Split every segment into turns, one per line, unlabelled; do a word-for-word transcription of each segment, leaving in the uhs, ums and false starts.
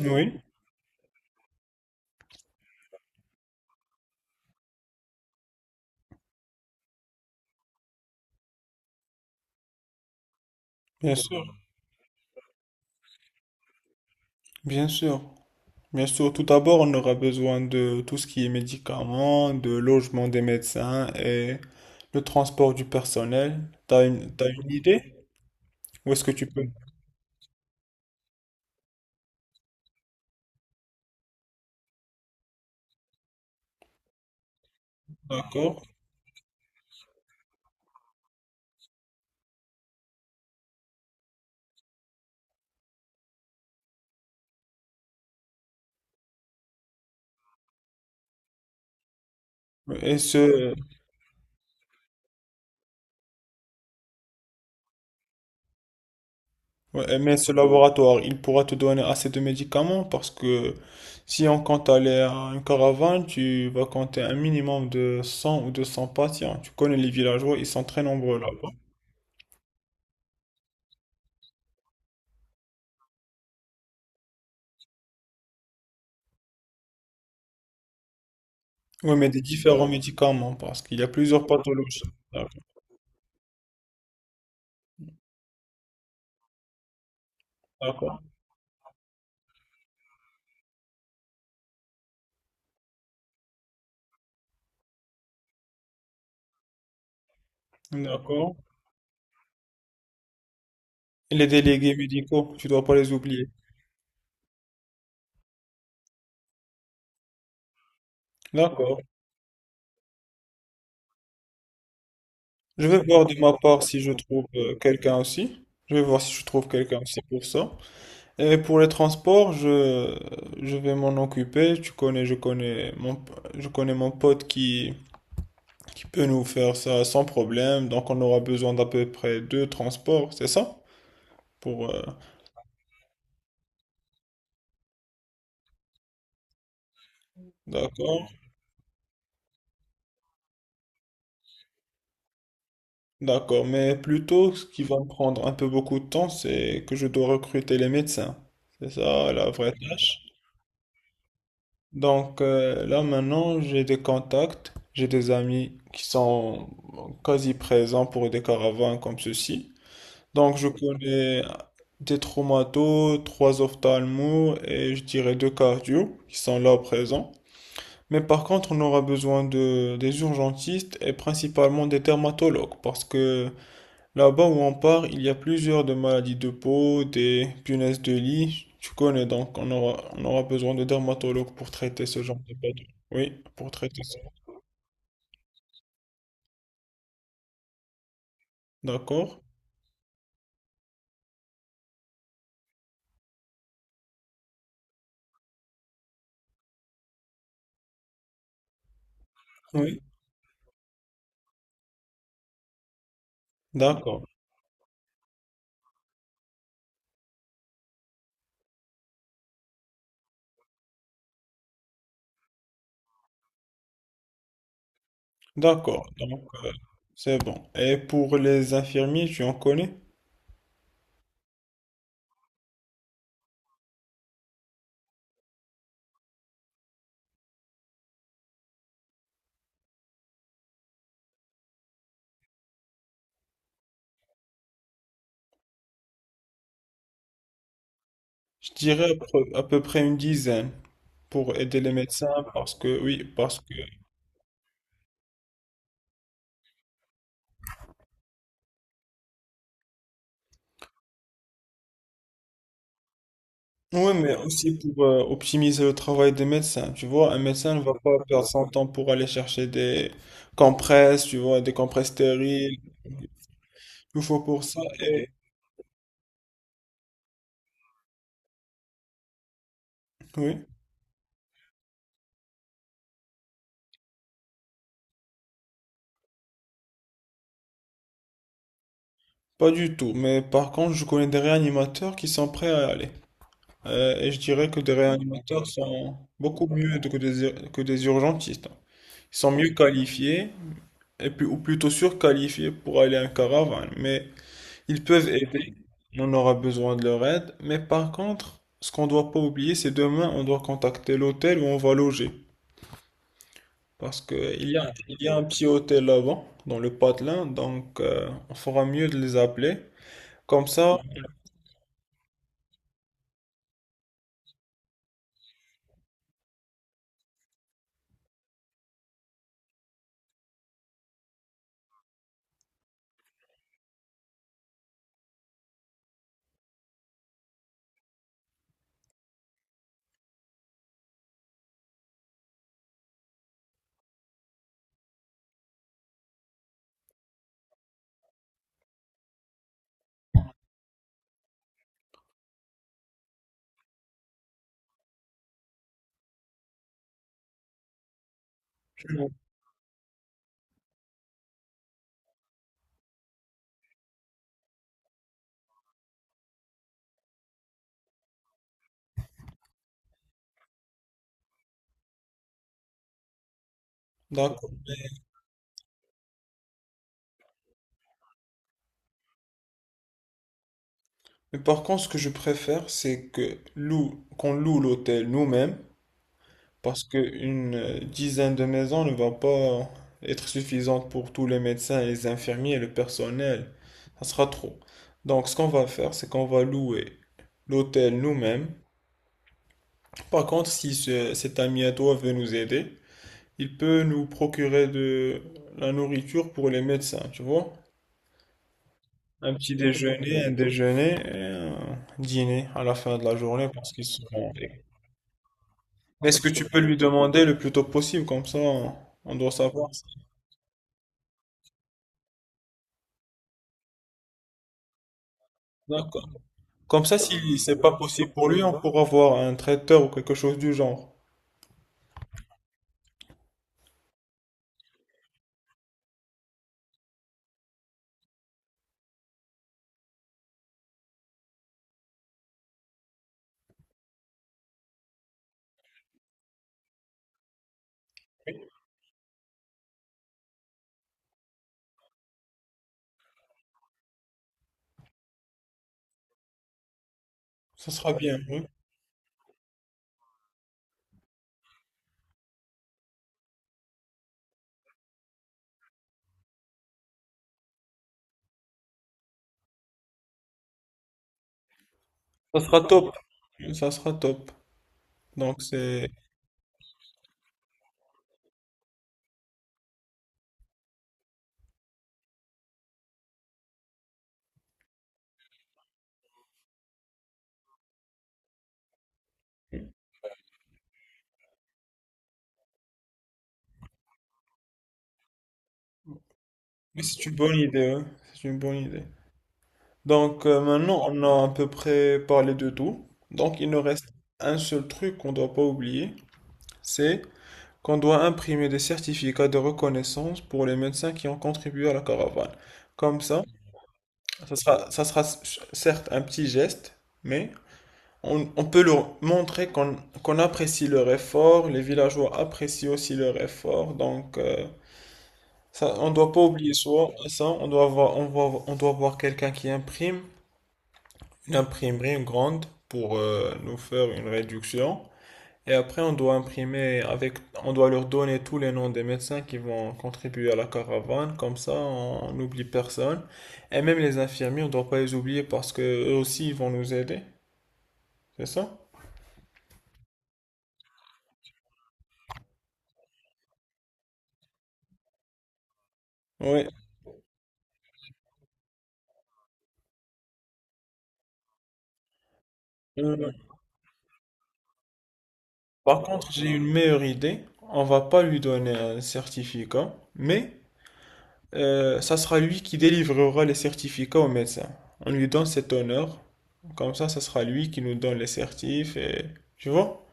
Oui, bien sûr, bien sûr. Bien sûr, tout d'abord, on aura besoin de tout ce qui est médicaments, de logement des médecins et le transport du personnel. T'as une, t'as une idée? Où est-ce que tu peux? D'accord. Et ce, ouais, mais ce laboratoire, il pourra te donner assez de médicaments parce que si on compte aller à une caravane, tu vas compter un minimum de cent ou deux cents patients. Tu connais les villageois, ils sont très nombreux là. Oui, mais des différents médicaments, parce qu'il y a plusieurs pathologies. D'accord. D'accord. D'accord. Et les délégués médicaux, tu dois pas les oublier. D'accord. Je vais voir de ma part si je trouve euh, quelqu'un aussi. Je vais voir si je trouve quelqu'un aussi pour ça. Et pour les transports, je, je vais m'en occuper. Tu connais, je connais mon, je connais mon pote qui, qui peut nous faire ça sans problème. Donc on aura besoin d'à peu près deux transports, c'est ça? Pour, euh, d'accord. D'accord, mais plutôt ce qui va me prendre un peu beaucoup de temps, c'est que je dois recruter les médecins. C'est ça la vraie tâche. Donc euh, là maintenant, j'ai des contacts, j'ai des amis qui sont quasi présents pour des caravanes comme ceci. Donc je connais des traumatos, trois ophtalmos et je dirais deux cardio qui sont là présents. Mais par contre, on aura besoin de des urgentistes et principalement des dermatologues parce que là-bas où on part, il y a plusieurs de maladies de peau, des punaises de lit, tu connais, donc on aura, on aura besoin de dermatologues pour traiter ce genre de pathologie. Oui, pour traiter ça. D'accord? Oui. D'accord. D'accord. Donc, euh, c'est bon. Et pour les infirmiers, tu en connais? Je dirais à peu à peu près une dizaine pour aider les médecins parce que, oui, parce que oui, mais aussi pour euh, optimiser le travail des médecins. Tu vois, un médecin ne va pas perdre son temps pour aller chercher des compresses, tu vois, des compresses stériles. Il faut pour ça. Et... oui, pas du tout. Mais par contre, je connais des réanimateurs qui sont prêts à y aller. Euh, et je dirais que des réanimateurs sont beaucoup mieux que des, ur- que des urgentistes. Ils sont mieux qualifiés, et puis, ou plutôt surqualifiés pour aller en caravane. Mais ils peuvent aider, on aura besoin de leur aide, mais par contre, ce qu'on ne doit pas oublier, c'est demain, on doit contacter l'hôtel où on va loger. Parce qu'il y a, il y a un petit hôtel là-bas, dans le patelin, donc euh, on fera mieux de les appeler. Comme ça, d'accord. Mais par contre, ce que je préfère, c'est que loue, qu'on loue l'hôtel nous-mêmes. Parce qu'une euh, dizaine de maisons ne va pas être suffisante pour tous les médecins, les infirmiers et le personnel. Ça sera trop. Donc, ce qu'on va faire, c'est qu'on va louer l'hôtel nous-mêmes. Par contre, si ce- cet ami à toi veut nous aider, il peut nous procurer de la nourriture pour les médecins, tu vois? Un petit déjeuner, un déjeuner et un dîner à la fin de la journée parce qu'ils seront... Est-ce que tu peux lui demander le plus tôt possible, comme ça on doit savoir. Si- d'accord. Comme ça, si c'est pas possible pour lui, on pourra voir un traiteur ou quelque chose du genre. Ça sera bien, oui. Ça sera top. Ça sera top. Donc c'est mais c'est une bonne idée, ouais. C'est une bonne idée. Donc euh, maintenant, on a à peu près parlé de tout. Donc il nous reste un seul truc qu'on ne doit pas oublier, c'est qu'on doit imprimer des certificats de reconnaissance pour les médecins qui ont contribué à la caravane. Comme ça, ça sera, ça sera certes un petit geste, mais On, on peut leur montrer qu'on qu'on apprécie leur effort, les villageois apprécient aussi leur effort, donc euh, ça, on doit pas oublier ça, ça, on doit avoir, on doit, on doit avoir quelqu'un qui imprime, une imprimerie grande pour euh, nous faire une réduction, et après on doit imprimer avec, on doit leur donner tous les noms des médecins qui vont contribuer à la caravane, comme ça on n'oublie personne, et même les infirmiers, on doit pas les oublier parce que eux aussi ils vont nous aider, c'est ça? Oui. Par contre, j'ai une meilleure idée. On va pas lui donner un certificat, mais euh, ça sera lui qui délivrera les certificats au médecin. On lui donne cet honneur. Comme ça, ça sera lui qui nous donne les certifs. Et... Tu vois?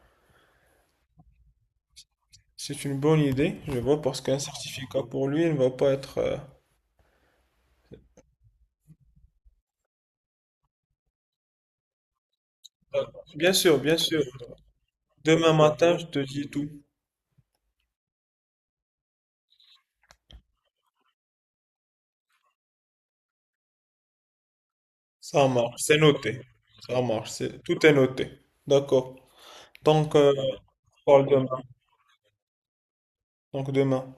C'est une bonne idée, je vois, parce qu'un certificat pour lui, il ne va pas être... euh, euh, Bien sûr, bien sûr. Demain matin, je te dis tout. Ça marche, c'est noté. Ça marche, c'est... tout est noté. D'accord. Donc, euh, on parle demain. Donc demain.